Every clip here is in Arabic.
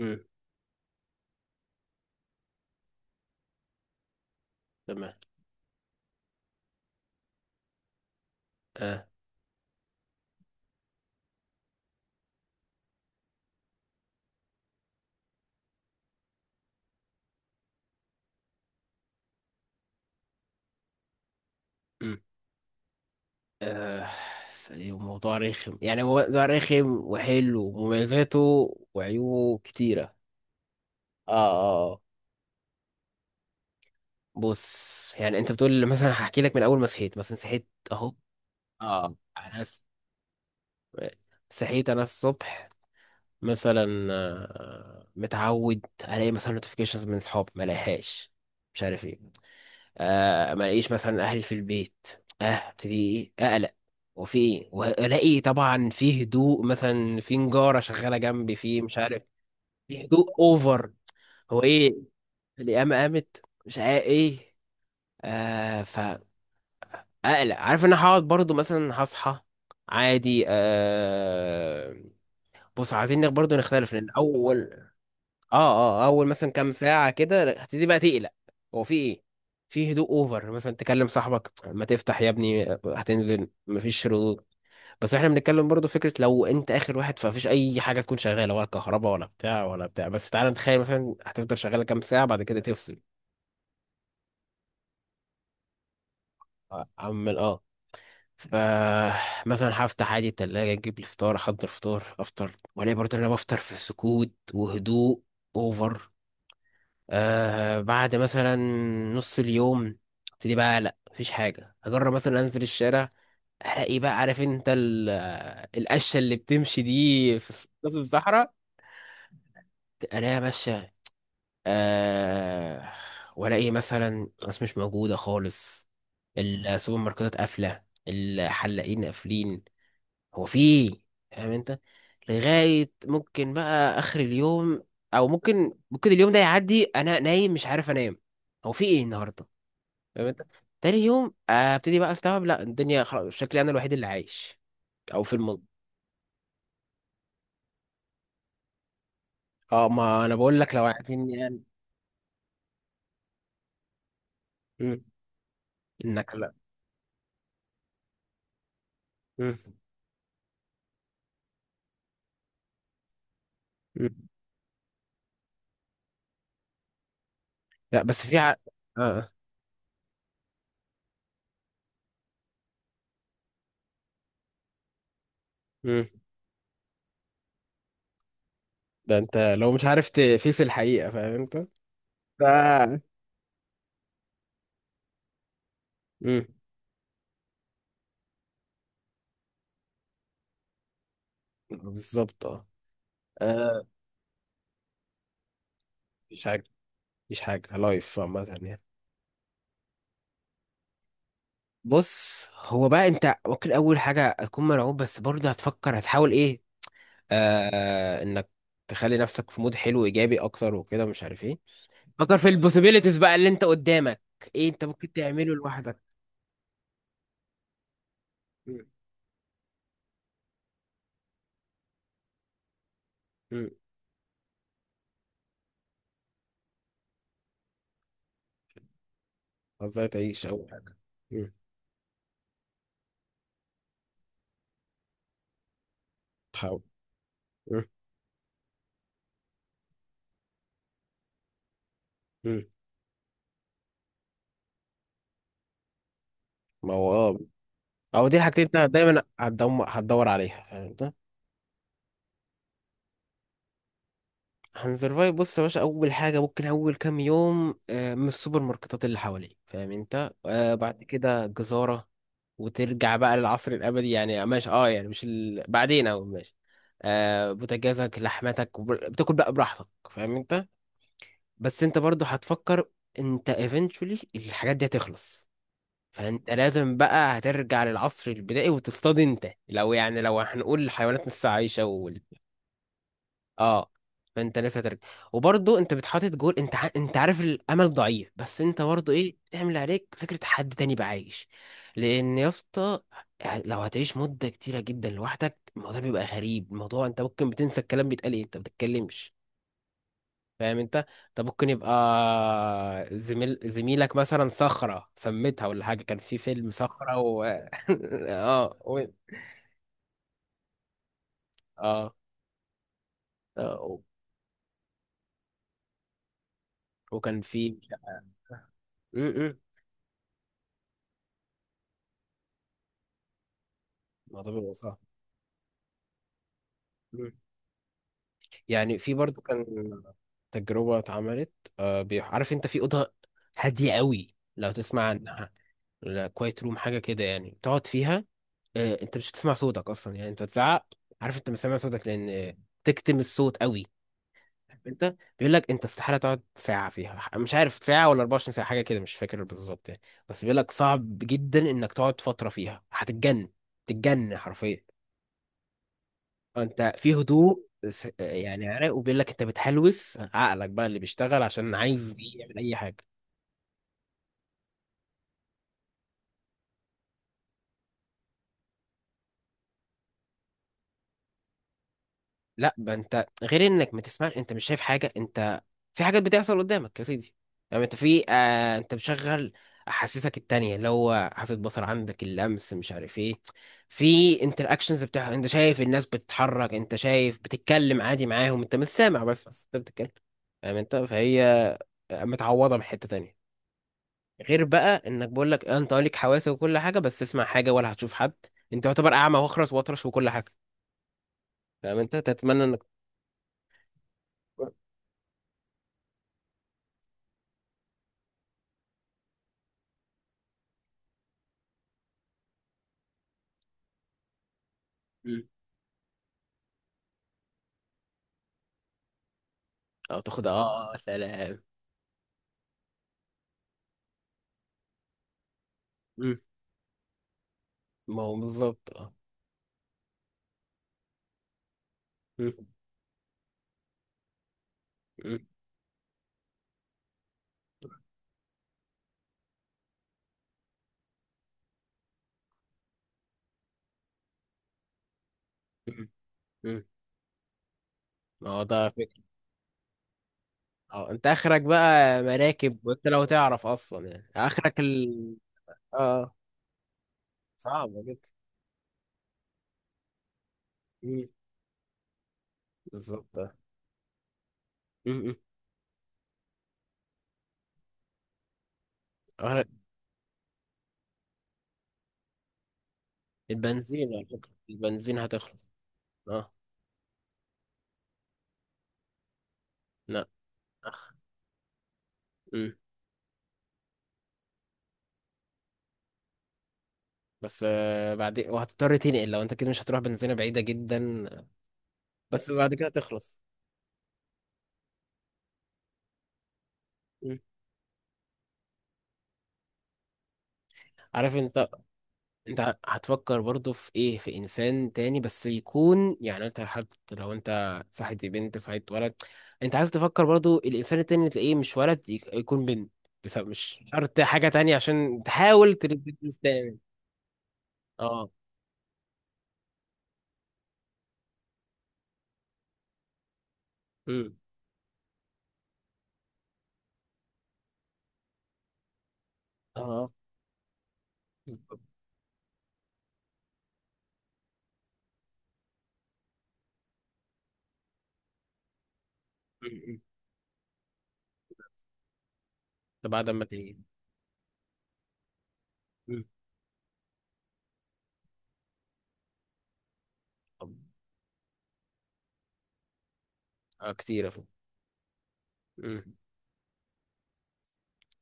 امم. تمام. اه. امم. آه. ثانية، موضوع رخم يعني هو موضوع رخم وحلو ومميزاته وعيوبه كتيرة. اه اه آه. بص يعني انت بتقول مثلا هحكي لك من اول ما صحيت مثلا صحيت اهو. اه انا صحيت انا الصبح مثلا، متعود الاقي مثلا نوتيفيكيشنز من اصحاب ما الاقيهاش مش عارف ايه. ما الاقيش مثلا اهلي في البيت. اه ابتدي ايه اقلق، وفي ايه والاقي طبعا في هدوء مثلا، في نجارة شغالة جنبي، في مش عارف، في هدوء اوفر. هو ايه؟ القيامة قامت مش عارف ايه. فاقلق. عارف ان أنا هقعد برضو مثلا هصحى عادي. بص عايزين برضو نختلف لان اول. اه اه اول مثلا كام ساعه كده هتبتدي بقى تقلق. هو في ايه؟ في هدوء اوفر مثلا تكلم صاحبك ما تفتح يا ابني، هتنزل مفيش ردود. بس احنا بنتكلم برضو فكره لو انت اخر واحد، فمفيش اي حاجه تكون شغاله، ولا كهرباء ولا بتاع ولا بتاع، بس تعالى نتخيل مثلا هتفضل شغاله كام ساعه بعد كده تفصل. عمال اه. ف مثلا هفتح عادي التلاجة اجيب الفطار، احضر فطار افطر، والاقي برضه إن انا بفطر في سكوت وهدوء اوفر. بعد مثلا نص اليوم ابتدي بقى لا مفيش حاجة، اجرب مثلا انزل الشارع. الاقي بقى عارف انت القشة اللي بتمشي دي في نص الصحراء الاقيها ماشية. آه والاقي مثلا ناس مش موجودة خالص. السوبر ماركتات قافلة، الحلاقين قافلين. هو في إيه؟ فاهم انت. لغاية ممكن بقى اخر اليوم، او ممكن اليوم ده يعدي انا نايم مش عارف انام. هو في ايه النهاردة؟ فاهم انت. تاني يوم، ابتدي بقى استوعب لا الدنيا خلاص شكلي انا الوحيد اللي عايش، او في المنطقه. اه ما انا بقول لك لو عارفين يعني. مم. انك لا. مم. مم. لا بس في اه. آه. مم. ده انت لو مش عارف تفيس الحقيقه، فاهم انت. ف. مم. بالظبط اه. آه. مش حاجه، مش حاجه لايف عامه يعني. بص هو بقى انت ممكن اول حاجه هتكون مرعوب، بس برضه هتفكر هتحاول ايه. آه انك تخلي نفسك في مود حلو ايجابي اكتر وكده مش عارف ايه. فكر في البوسيبيليتيز بقى اللي انت قدامك. ايه انت ممكن تعمله لوحدك. مم. مم. ازاي تعيش اول حاجه. مم. تحاول. مم. مم. ما هو اه. او دي الحاجتين انت دايما هتدور عليها، فاهم انت. هنسرفايف، بص يا باشا اول حاجه ممكن اول كام يوم، من السوبر ماركتات اللي حواليك، فاهم انت، بعد كده جزاره. وترجع بقى للعصر الابدي يعني ماشي، اه يعني مش بعدين، او ماشي. بوتاجازك لحمتك، وب- بتاكل بقى براحتك، فاهم انت. بس انت برضو هتفكر، انت eventually الحاجات دي هتخلص. فانت لازم بقى هترجع للعصر البدائي وتصطاد، انت لو يعني لو هنقول الحيوانات لسه عايشه. اه فانت لسه هترجع. وبرضه انت بتحاطط جول، انت انت عارف الامل ضعيف بس انت برضه ايه، بتعمل اللي عليك فكره حد تاني بقى عايش. لان يا اسطى لو هتعيش مده كتيره جدا لوحدك، الموضوع بيبقى غريب. الموضوع انت ممكن بتنسى الكلام بيتقال ايه، انت ما بتتكلمش، فاهم انت. انت ممكن يبقى زميلك مثلا صخره سميتها ولا حاجه، كان في فيلم صخره اه اه آه. وكان في م. الموضوع بيبقى صعب. يعني في برضو كان تجربة اتعملت. عارف انت في أوضة هادية قوي لو تسمع عنها، لا كوايت روم حاجة كده يعني تقعد فيها. انت مش هتسمع صوتك اصلا يعني انت تزعق عارف انت مش سامع صوتك لان تكتم الصوت قوي. عارف انت بيقول لك انت استحالة تقعد ساعة فيها، مش عارف ساعة ولا 24 ساعة حاجة كده مش فاكر بالظبط يعني. بس بيقول لك صعب جدا انك تقعد فترة فيها هتتجن، تتجن حرفيا. انت في هدوء، يعني عراق، وبيقول لك انت بتحلوس عقلك بقى اللي بيشتغل عشان عايز يعمل اي حاجه. لا بقى انت غير انك ما تسمع، انت مش شايف حاجه، انت في حاجات بتحصل قدامك يا سيدي. يعني انت في انت مشغل احاسيسك التانية، اللي هو حاسة بصر عندك، اللمس، مش عارف ايه. في انتراكشنز بتاع، انت شايف الناس بتتحرك، انت شايف بتتكلم عادي معاهم، انت مش سامع بس انت بتتكلم. يعني انت فهي متعوضة من حتة تانية. غير بقى انك بقول لك انت ليك حواس وكل حاجه بس تسمع حاجه ولا هتشوف حد، انت يعتبر اعمى واخرس واطرش وكل حاجه، فاهم انت، تتمنى انك. مم. او تاخد اه، آه، آه، سلام. مم. ما هو بالظبط اه. مم. مم. مم. مم. ما هو ده فكرة. اه انت اخرك بقى مراكب، وانت لو تعرف اصلا يعني اخرك. اه صعبة جدا. مم. بالظبط اه. مم. مم. آخرك. البنزين على فكرة، البنزين هتخلص. اه لا اخ. مم. بس بعدين وهتضطر تنقل، لو انت كده مش هتروح بنزينة بعيدة جدا. بس بعد كده تخلص. مم. عارف انت هتفكر برضو في ايه، في انسان تاني بس يكون يعني، انت حتى لو انت صاحبت بنت صاحبت ولد. انت عايز تفكر برضو الانسان التاني اللي تلاقيه مش ولد، يكون بنت. بس مش شرط حاجة تانية، عشان تحاول تربي جنس تاني. اه. مم. اه بالظبط. مم. مم. ده بعد ما تيجي. مم. طب. آه، كتير أهو. مم.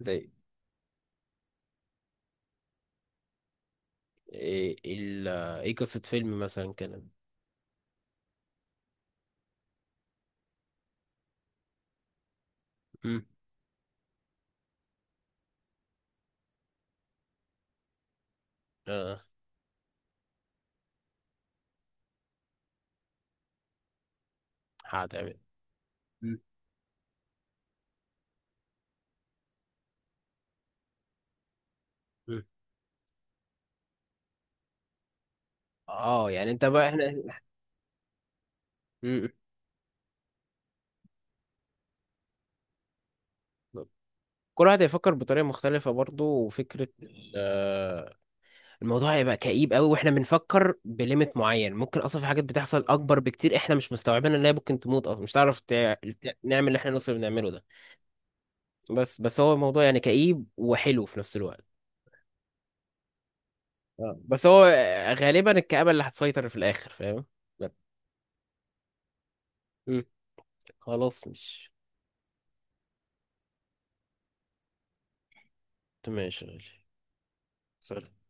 زي ايه ايه قصة فيلم مثلا كده. امم. اه هتعمل. مم. مم. اه يعني انت بقى احنا. مم. كل واحد هيفكر بطريقة مختلفة برضو، وفكرة آه. الموضوع هيبقى كئيب قوي، واحنا بنفكر بليميت معين، ممكن اصلا في حاجات بتحصل اكبر بكتير احنا مش مستوعبينها، ان هي ممكن تموت اصلا، مش هتعرف نعمل اللي احنا نوصل بنعمله ده. بس هو الموضوع يعني كئيب وحلو في نفس الوقت. آه. بس هو، غالبا الكآبة اللي هتسيطر في الاخر، فاهم. لا. مم. خلاص مش. تمام يا شغالي. سلام.